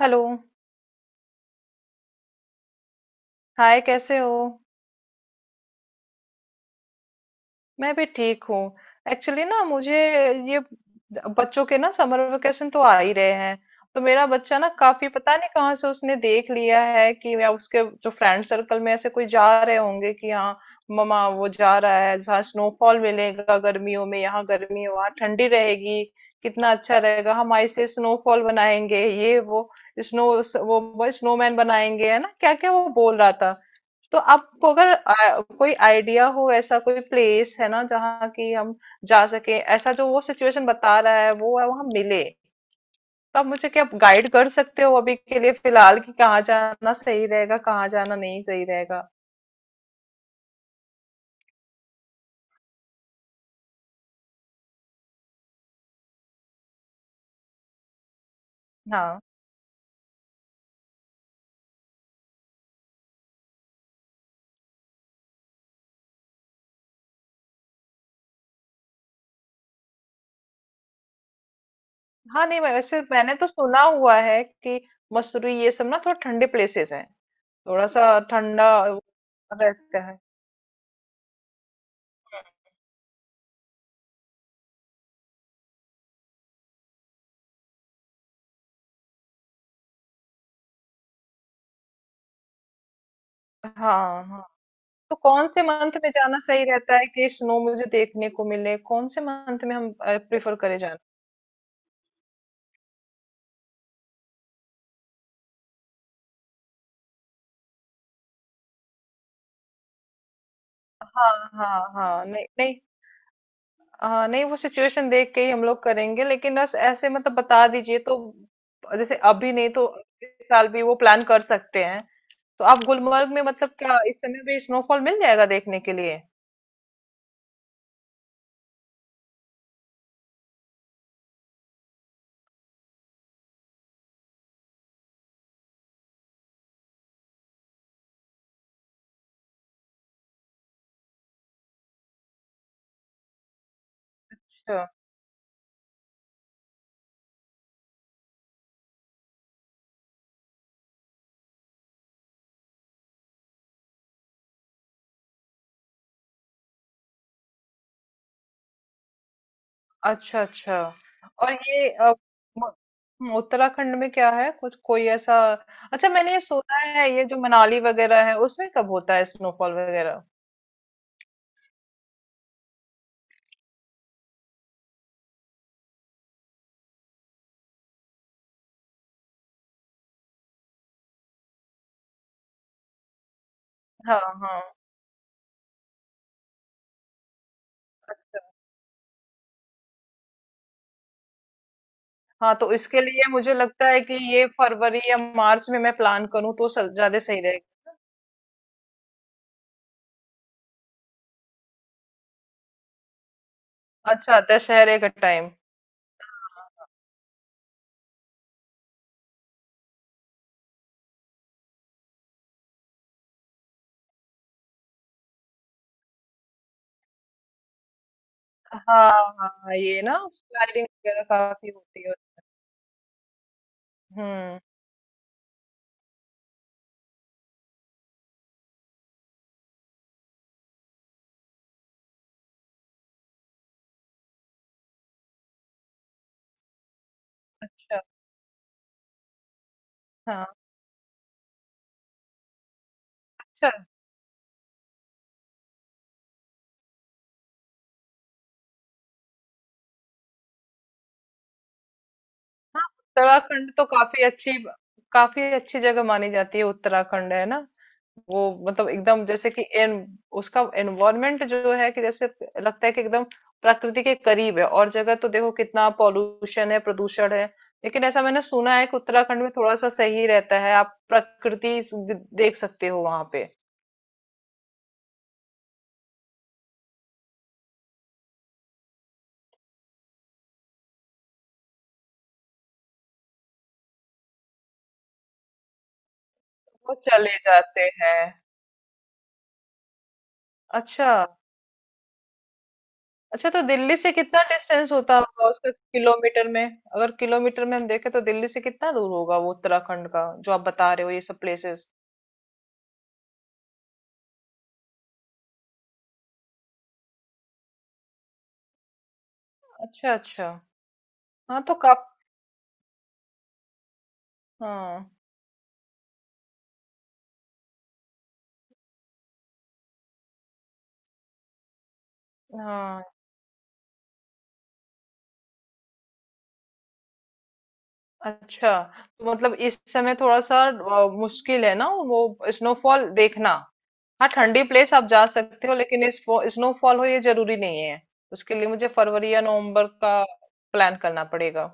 Hello. Hi, कैसे हो? मैं भी ठीक हूँ। एक्चुअली ना मुझे ये बच्चों के ना समर वेकेशन तो आ ही रहे हैं। तो मेरा बच्चा ना काफी, पता नहीं कहाँ से उसने देख लिया है कि, या उसके जो फ्रेंड सर्कल में ऐसे कोई जा रहे होंगे कि हाँ ममा, वो जा रहा है जहाँ स्नोफॉल मिलेगा। गर्मियों में यहाँ गर्मी है, वहाँ ठंडी रहेगी। कितना अच्छा रहेगा, हम ऐसे स्नोफॉल बनाएंगे, ये वो स्नो, वो स्नोमैन बनाएंगे, है ना। क्या क्या वो बोल रहा। तो आपको अगर कोई आइडिया हो, ऐसा कोई प्लेस है ना जहाँ की हम जा सके, ऐसा जो वो सिचुएशन बता रहा है वो है वहां मिले। तो आप मुझे क्या गाइड कर सकते हो अभी के लिए, फिलहाल, कि कहाँ जाना सही रहेगा, कहाँ जाना नहीं सही रहेगा। हाँ। हाँ, नहीं, मैं वैसे मैंने तो सुना हुआ है कि मसूरी ये सब ना थोड़ा ठंडे प्लेसेस हैं, थोड़ा सा ठंडा रहता है। हाँ हाँ। तो कौन से मंथ में जाना सही रहता है कि स्नो मुझे देखने को मिले, कौन से मंथ में हम प्रेफर करें जाना? हाँ हाँ हाँ, नहीं नहीं। हाँ, नहीं, वो सिचुएशन देख के ही हम लोग करेंगे, लेकिन बस ऐसे मतलब बता दीजिए तो। जैसे अभी नहीं तो इस साल भी वो प्लान कर सकते हैं। तो आप गुलमर्ग में, मतलब क्या इस समय भी स्नोफॉल मिल जाएगा देखने के लिए? अच्छा अच्छा। और ये म- उत्तराखंड में क्या है, कुछ कोई ऐसा? अच्छा, मैंने ये सुना है, ये जो मनाली वगैरह है उसमें कब होता है स्नोफॉल वगैरह? हाँ हाँ। अच्छा। हाँ, तो इसके लिए मुझे लगता है कि ये फरवरी या मार्च में मैं प्लान करूँ तो ज्यादा सही रहेगा। अच्छा, दशहरे का टाइम। हाँ हाँ, ये ना स्लाइडिंग वगैरह काफी होती है। हम्म। अच्छा। हाँ। अच्छा। हाँ, उत्तराखंड तो काफी अच्छी, काफी अच्छी जगह मानी जाती है उत्तराखंड, है ना। वो, मतलब एकदम, जैसे कि एन, उसका एनवायरनमेंट जो है, कि जैसे लगता है कि एकदम प्रकृति के करीब है। और जगह तो देखो कितना पॉल्यूशन है, प्रदूषण है, लेकिन ऐसा मैंने सुना है कि उत्तराखंड में थोड़ा सा सही रहता है, आप प्रकृति देख सकते हो वहां पे। वो चले जाते हैं। अच्छा अच्छा। तो दिल्ली से कितना डिस्टेंस होता होगा उसका, किलोमीटर में, अगर किलोमीटर में हम देखें तो दिल्ली से कितना दूर होगा वो उत्तराखंड का जो आप बता रहे हो ये सब प्लेसेस? अच्छा अच्छा। हाँ, तो काफ। हाँ हाँ। अच्छा, तो मतलब इस समय थोड़ा सा मुश्किल है ना वो स्नोफॉल देखना। हाँ, ठंडी प्लेस आप जा सकते हो लेकिन इस स्नोफॉल हो ये जरूरी नहीं है। उसके लिए मुझे फरवरी या नवंबर का प्लान करना पड़ेगा।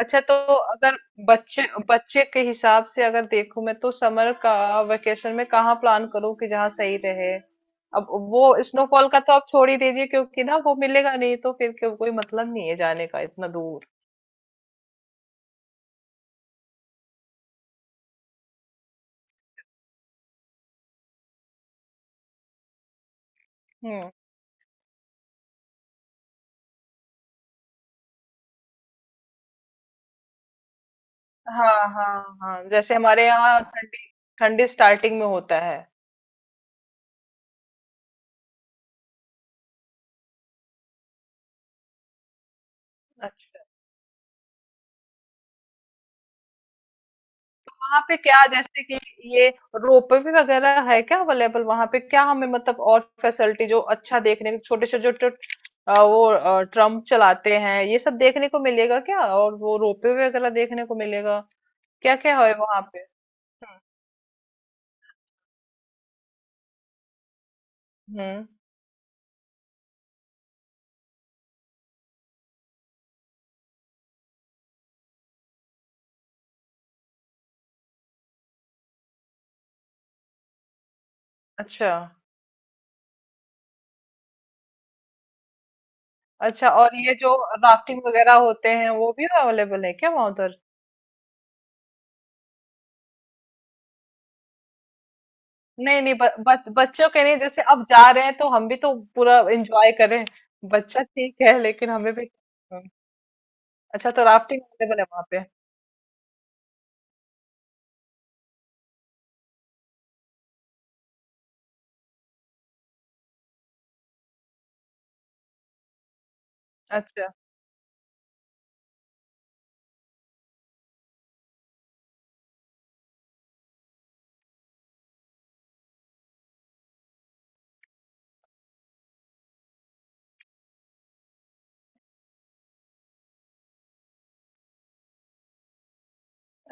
अच्छा, तो अगर बच्चे, बच्चे के हिसाब से अगर देखूं मैं, तो समर का वेकेशन में कहाँ प्लान करूं कि जहाँ सही रहे? अब वो स्नोफॉल का तो आप छोड़ ही दीजिए, क्योंकि ना वो मिलेगा नहीं तो फिर कोई मतलब नहीं है जाने का इतना दूर। हम्म। हाँ हाँ हाँ, जैसे हमारे यहाँ ठंडी, ठंडी स्टार्टिंग में होता है। अच्छा। वहां पे क्या, जैसे कि ये रोपवे वगैरह है क्या अवेलेबल वहां पे, क्या हमें, मतलब और फैसिलिटी जो अच्छा देखने को, छोटे से जो जो वो ट्रम्प चलाते हैं, ये सब देखने को मिलेगा क्या? और वो रोपवे वगैरह देखने को मिलेगा, क्या क्या है वहां पे? हम्म। हम्म। अच्छा अच्छा। और ये जो राफ्टिंग वगैरह होते हैं, वो भी अवेलेबल है क्या वहां उधर? नहीं नहीं, बच्चों के नहीं, जैसे अब जा रहे हैं तो हम भी तो पूरा एंजॉय करें। बच्चा ठीक है लेकिन हमें भी। अच्छा, तो राफ्टिंग अवेलेबल है वहां पे। अच्छा।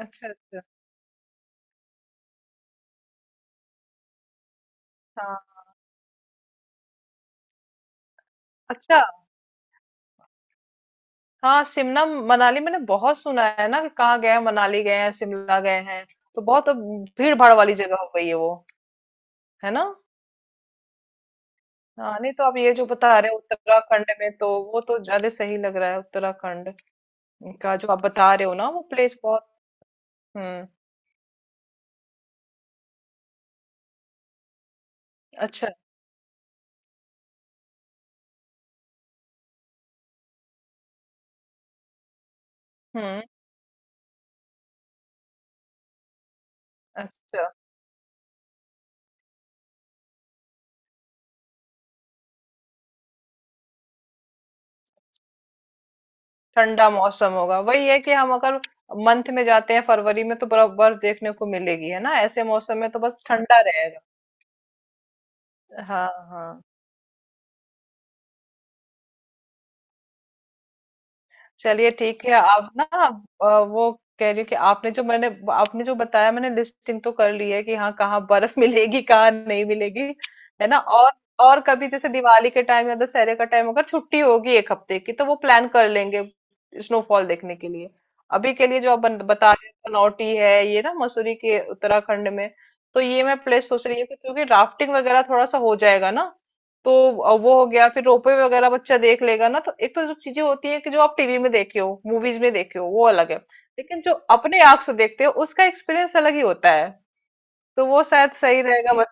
अच्छा। अच्छा। हाँ। अच्छा। हाँ, शिमला मनाली मैंने बहुत सुना है ना, कि कहाँ गए हैं, मनाली गए हैं, शिमला गए हैं। तो बहुत अब भीड़ भाड़ वाली जगह हो गई है वो, है ना। हाँ, नहीं तो आप ये जो बता रहे हो उत्तराखंड में, तो वो तो ज्यादा सही लग रहा है, उत्तराखंड का जो आप बता रहे हो ना वो प्लेस बहुत। हम्म। अच्छा। हम्म। अच्छा। ठंडा मौसम होगा, वही है कि हम अगर मंथ में जाते हैं फरवरी में तो बर्फ, बर्फ देखने को मिलेगी, है ना? ऐसे मौसम में तो बस ठंडा रहेगा। हाँ हाँ। चलिए ठीक है। आप ना वो कह रही हूँ कि आपने जो, मैंने, आपने जो बताया, मैंने लिस्टिंग तो कर ली है कि हाँ, कहाँ बर्फ मिलेगी, कहाँ नहीं मिलेगी, है ना। और कभी जैसे दिवाली के टाइम या दशहरे का टाइम अगर छुट्टी होगी एक हफ्ते की तो वो प्लान कर लेंगे स्नोफॉल देखने के लिए। अभी के लिए जो आप बता रहे हैं, पनौटी है ये ना, मसूरी के उत्तराखंड में, तो ये मैं प्लेस सोच रही हूँ, कि क्योंकि राफ्टिंग वगैरह थोड़ा सा हो जाएगा ना, तो वो हो गया, फिर रोपवे वगैरह बच्चा देख लेगा ना। तो एक तो जो चीजें होती है कि जो आप टीवी में देखे हो, मूवीज में देखे हो वो अलग है, लेकिन जो अपने आंख से देखते हो उसका एक्सपीरियंस अलग ही होता है। तो वो शायद सही रहेगा बस।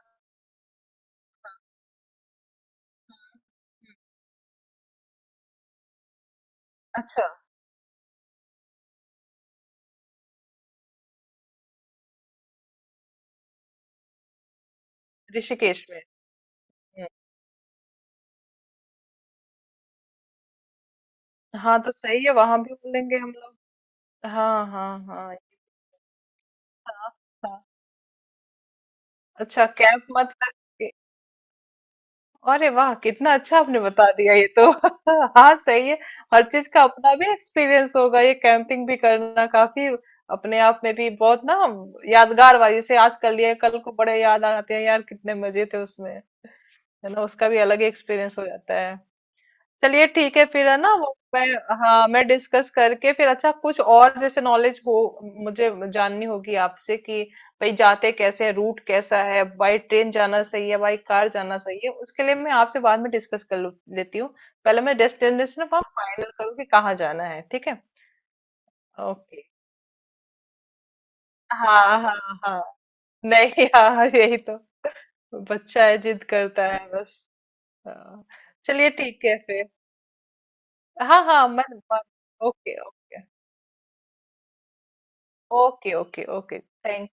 अच्छा, ऋषिकेश में। हम्म। हाँ, तो सही है, वहां भी बोलेंगे हम लोग। हाँ हाँ हाँ। हाँ, हाँ। अच्छा, कैंप मत कर। अरे वाह, कितना अच्छा आपने बता दिया ये तो हाँ सही है। हर चीज का अपना भी एक्सपीरियंस होगा, ये कैंपिंग भी करना काफी अपने आप में भी बहुत ना यादगार वाली, जैसे आज कर लिए कल को बड़े याद आते हैं, यार कितने मजे थे उसमें, है ना। उसका भी अलग ही एक्सपीरियंस हो जाता है। चलिए ठीक है फिर, है ना वो मैं। हाँ, मैं डिस्कस करके फिर, अच्छा कुछ और जैसे नॉलेज हो मुझे, जाननी होगी आपसे कि भाई जाते कैसे हैं, रूट कैसा है, बाई ट्रेन जाना सही है, बाई कार जाना सही है, उसके लिए मैं आपसे बाद में डिस्कस कर लेती हूँ। पहले मैं डेस्टिनेशन आप फाइनल करूँ कि कहाँ जाना है, ठीक है। ओके। हाँ हाँ। हाँ, नहीं, हाँ हाँ, यही तो, बच्चा है, जिद करता है बस। हाँ। चलिए ठीक है फिर। हाँ हाँ। मैं okay okay okay, okay, okay. Thank